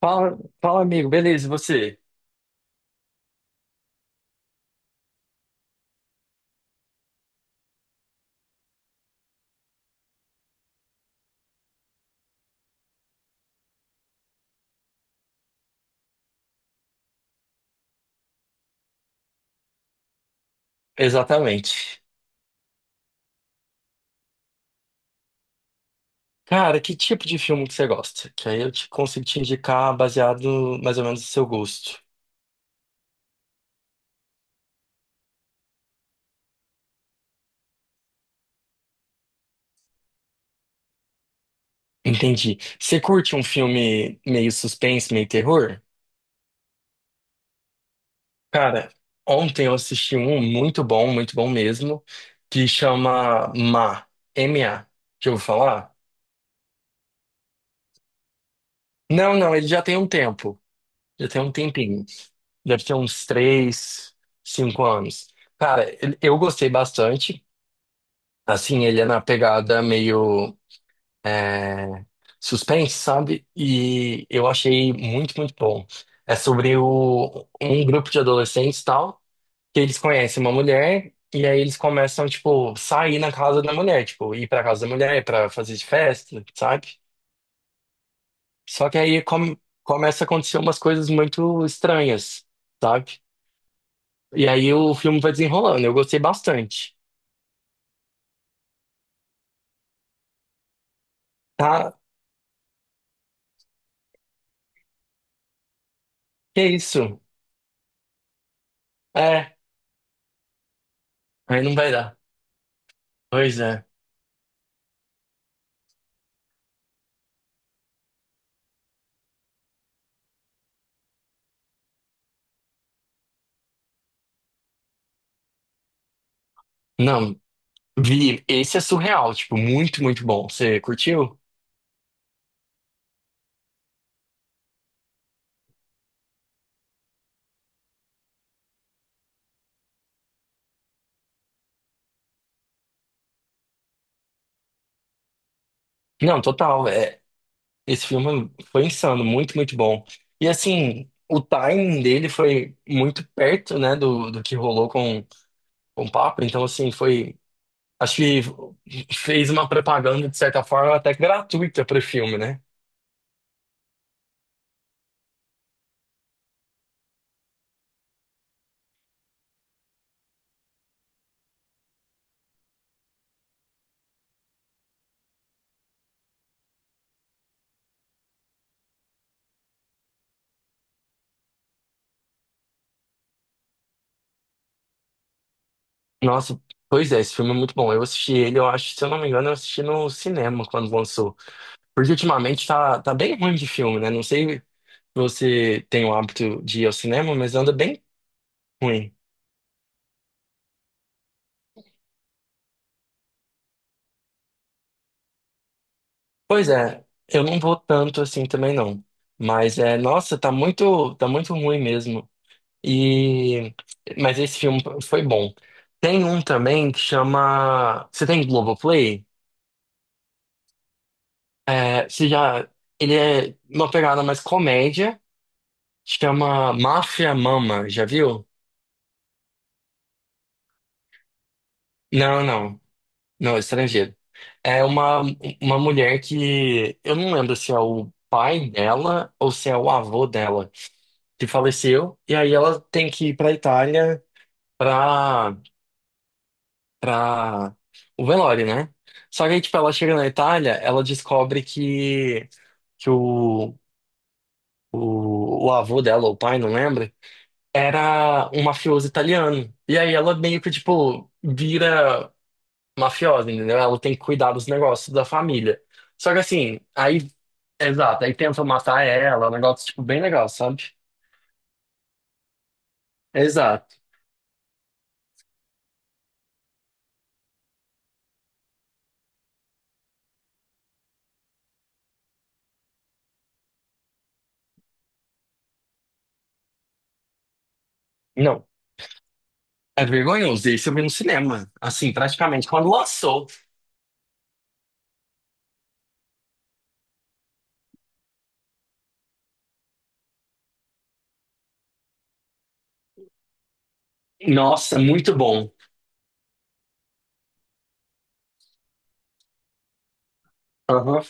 Fala, fala, amigo. Beleza, e você? Exatamente. Cara, que tipo de filme que você gosta? Que aí eu te consigo te indicar baseado mais ou menos no seu gosto. Entendi. Você curte um filme meio suspense, meio terror? Cara, ontem eu assisti um muito bom mesmo, que chama Ma, M M.A. Já ouviu falar? Não, não, ele já tem um tempo. Já tem um tempinho. Deve ter uns três, cinco anos. Cara, eu gostei bastante. Assim, ele é na pegada meio é, suspense, sabe? E eu achei muito, muito bom. É sobre um grupo de adolescentes e tal, que eles conhecem uma mulher e aí eles começam, tipo, sair na casa da mulher, tipo, ir pra casa da mulher pra fazer festa, sabe? Só que aí começa a acontecer umas coisas muito estranhas, sabe? E aí o filme vai desenrolando. Eu gostei bastante. Tá? Que isso? É, aí não vai dar. Pois é. Não, vi, esse é surreal, tipo, muito, muito bom. Você curtiu? Não, total, é, esse filme foi insano, muito, muito bom. E assim, o timing dele foi muito perto, né, do que rolou com o Papa, então assim, foi, acho que fez uma propaganda, de certa forma, até gratuita pro filme, né? Nossa, pois é, esse filme é muito bom. Eu assisti ele, eu acho, se eu não me engano, eu assisti no cinema quando lançou. Porque ultimamente tá bem ruim de filme, né? Não sei. Você tem o hábito de ir ao cinema, mas anda bem ruim. Pois é, eu não vou tanto assim também não. Mas é, nossa, tá muito, tá muito ruim mesmo. E mas esse filme foi bom. Tem um também que chama, você tem Globoplay? É, você já, ele é uma pegada mais comédia, chama Máfia Mama, já viu? Não, não. Não, estrangeiro. É uma mulher que eu não lembro se é o pai dela ou se é o avô dela que faleceu, e aí ela tem que ir pra Itália pra, pra o velório, né? Só que aí, tipo, ela chega na Itália, ela descobre que o avô dela, ou o pai, não lembro, era um mafioso italiano. E aí ela meio que, tipo, vira mafiosa, entendeu? Ela tem que cuidar dos negócios da família. Só que assim, aí, exato, aí tentam matar ela, um negócio, tipo, bem legal, sabe? Exato. Não, é vergonhoso. Esse eu vi no cinema, assim, praticamente, quando lançou. Nossa, muito bom. Aham.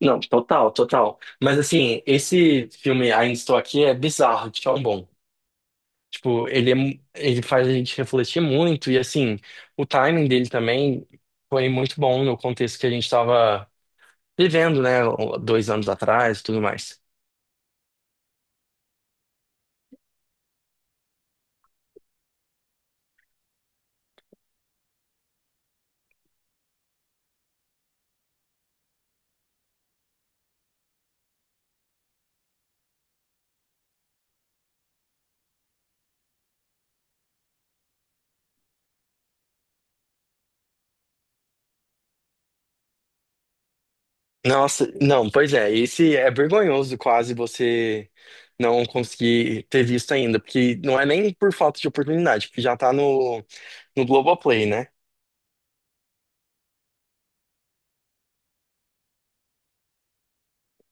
Não, total, total. Mas assim, esse filme Ainda Estou Aqui é bizarro, de tão bom. Tipo, ele, ele faz a gente refletir muito e assim, o timing dele também foi muito bom no contexto que a gente estava vivendo, né? Dois anos atrás, tudo mais. Nossa, não, pois é, esse é vergonhoso quase você não conseguir ter visto ainda, porque não é nem por falta de oportunidade, porque já tá no Globoplay, né?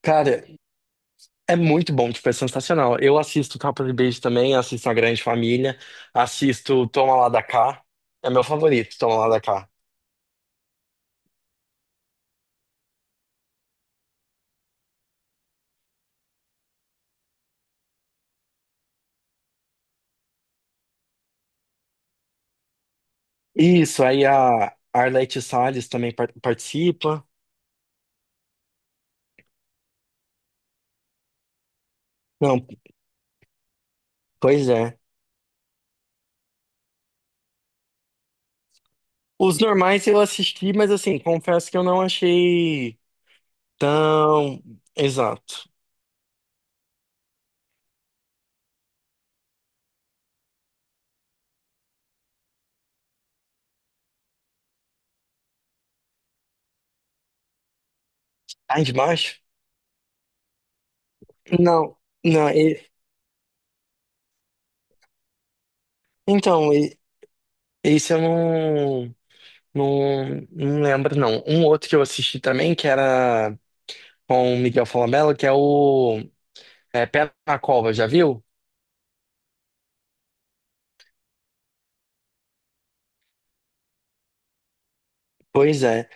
Cara, é muito bom, tipo, é sensacional. Eu assisto Capa de Beijo também, assisto A Grande Família, assisto Toma Lá da Cá, é meu favorito, Toma Lá da Cá. Isso, aí a Arlete Salles também participa. Não, pois é. Os normais eu assisti, mas assim, confesso que eu não achei tão exato. Ah, de baixo? Não, não. Então, esse eu não, não, não lembro, não. Um outro que eu assisti também, que era com o Miguel Falabella, que é o é, Pé na Cova, já viu? Pois é.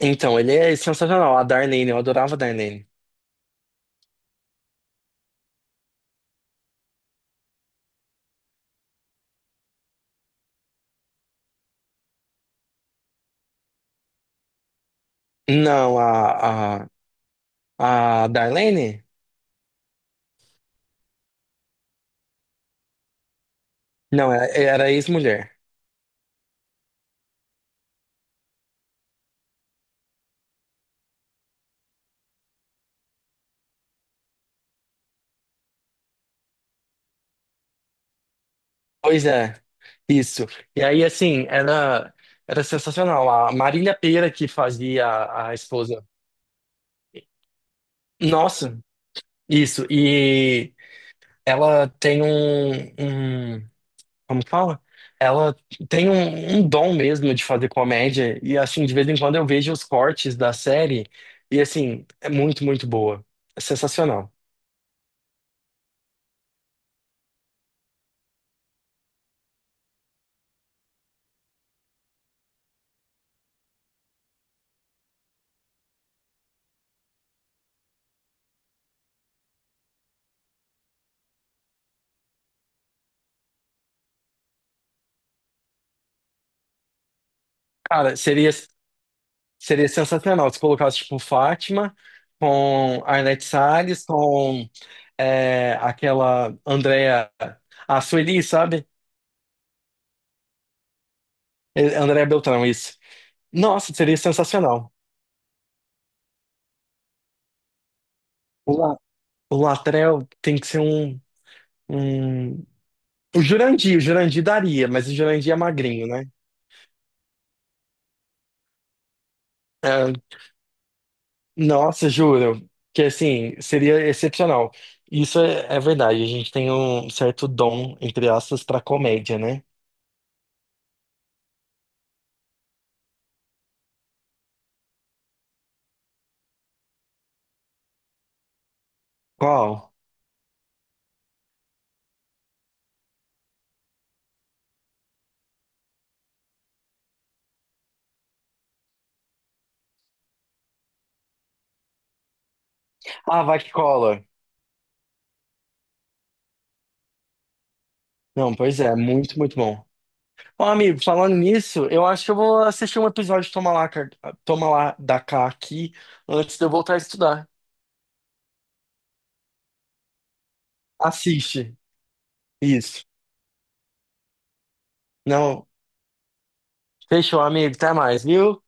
Então, ele é sensacional. A Darlene, eu adorava a Darlene. Não, a Darlene? Não, era ex-mulher. Pois é, isso. E aí, assim, era, era sensacional. A Marília Pêra que fazia a esposa. Nossa, isso. E ela tem um, um- como que fala? Ela tem um, um dom mesmo de fazer comédia. E, assim, de vez em quando eu vejo os cortes da série. E, assim, é muito, muito boa. É sensacional. Cara, seria. Seria sensacional se colocasse, tipo, Fátima com Arnete Arlete Salles, com é, aquela Andrea... A Sueli, sabe? É, Andrea Beltrão, isso. Nossa, seria sensacional. O, La- o Latrell tem que ser um, um... o Jurandir daria, mas o Jurandir é magrinho, né? É, nossa, juro. Que, assim, seria excepcional. Isso é, é verdade, a gente tem um certo dom, entre aspas, pra comédia, né? Qual? Ah, vai que cola. Não, pois é, muito, muito bom. Ó, amigo, falando nisso, eu acho que eu vou assistir um episódio de Toma Lá, Toma Lá da Cá aqui antes de eu voltar a estudar. Assiste. Isso. Não, fechou, amigo. Até mais, viu?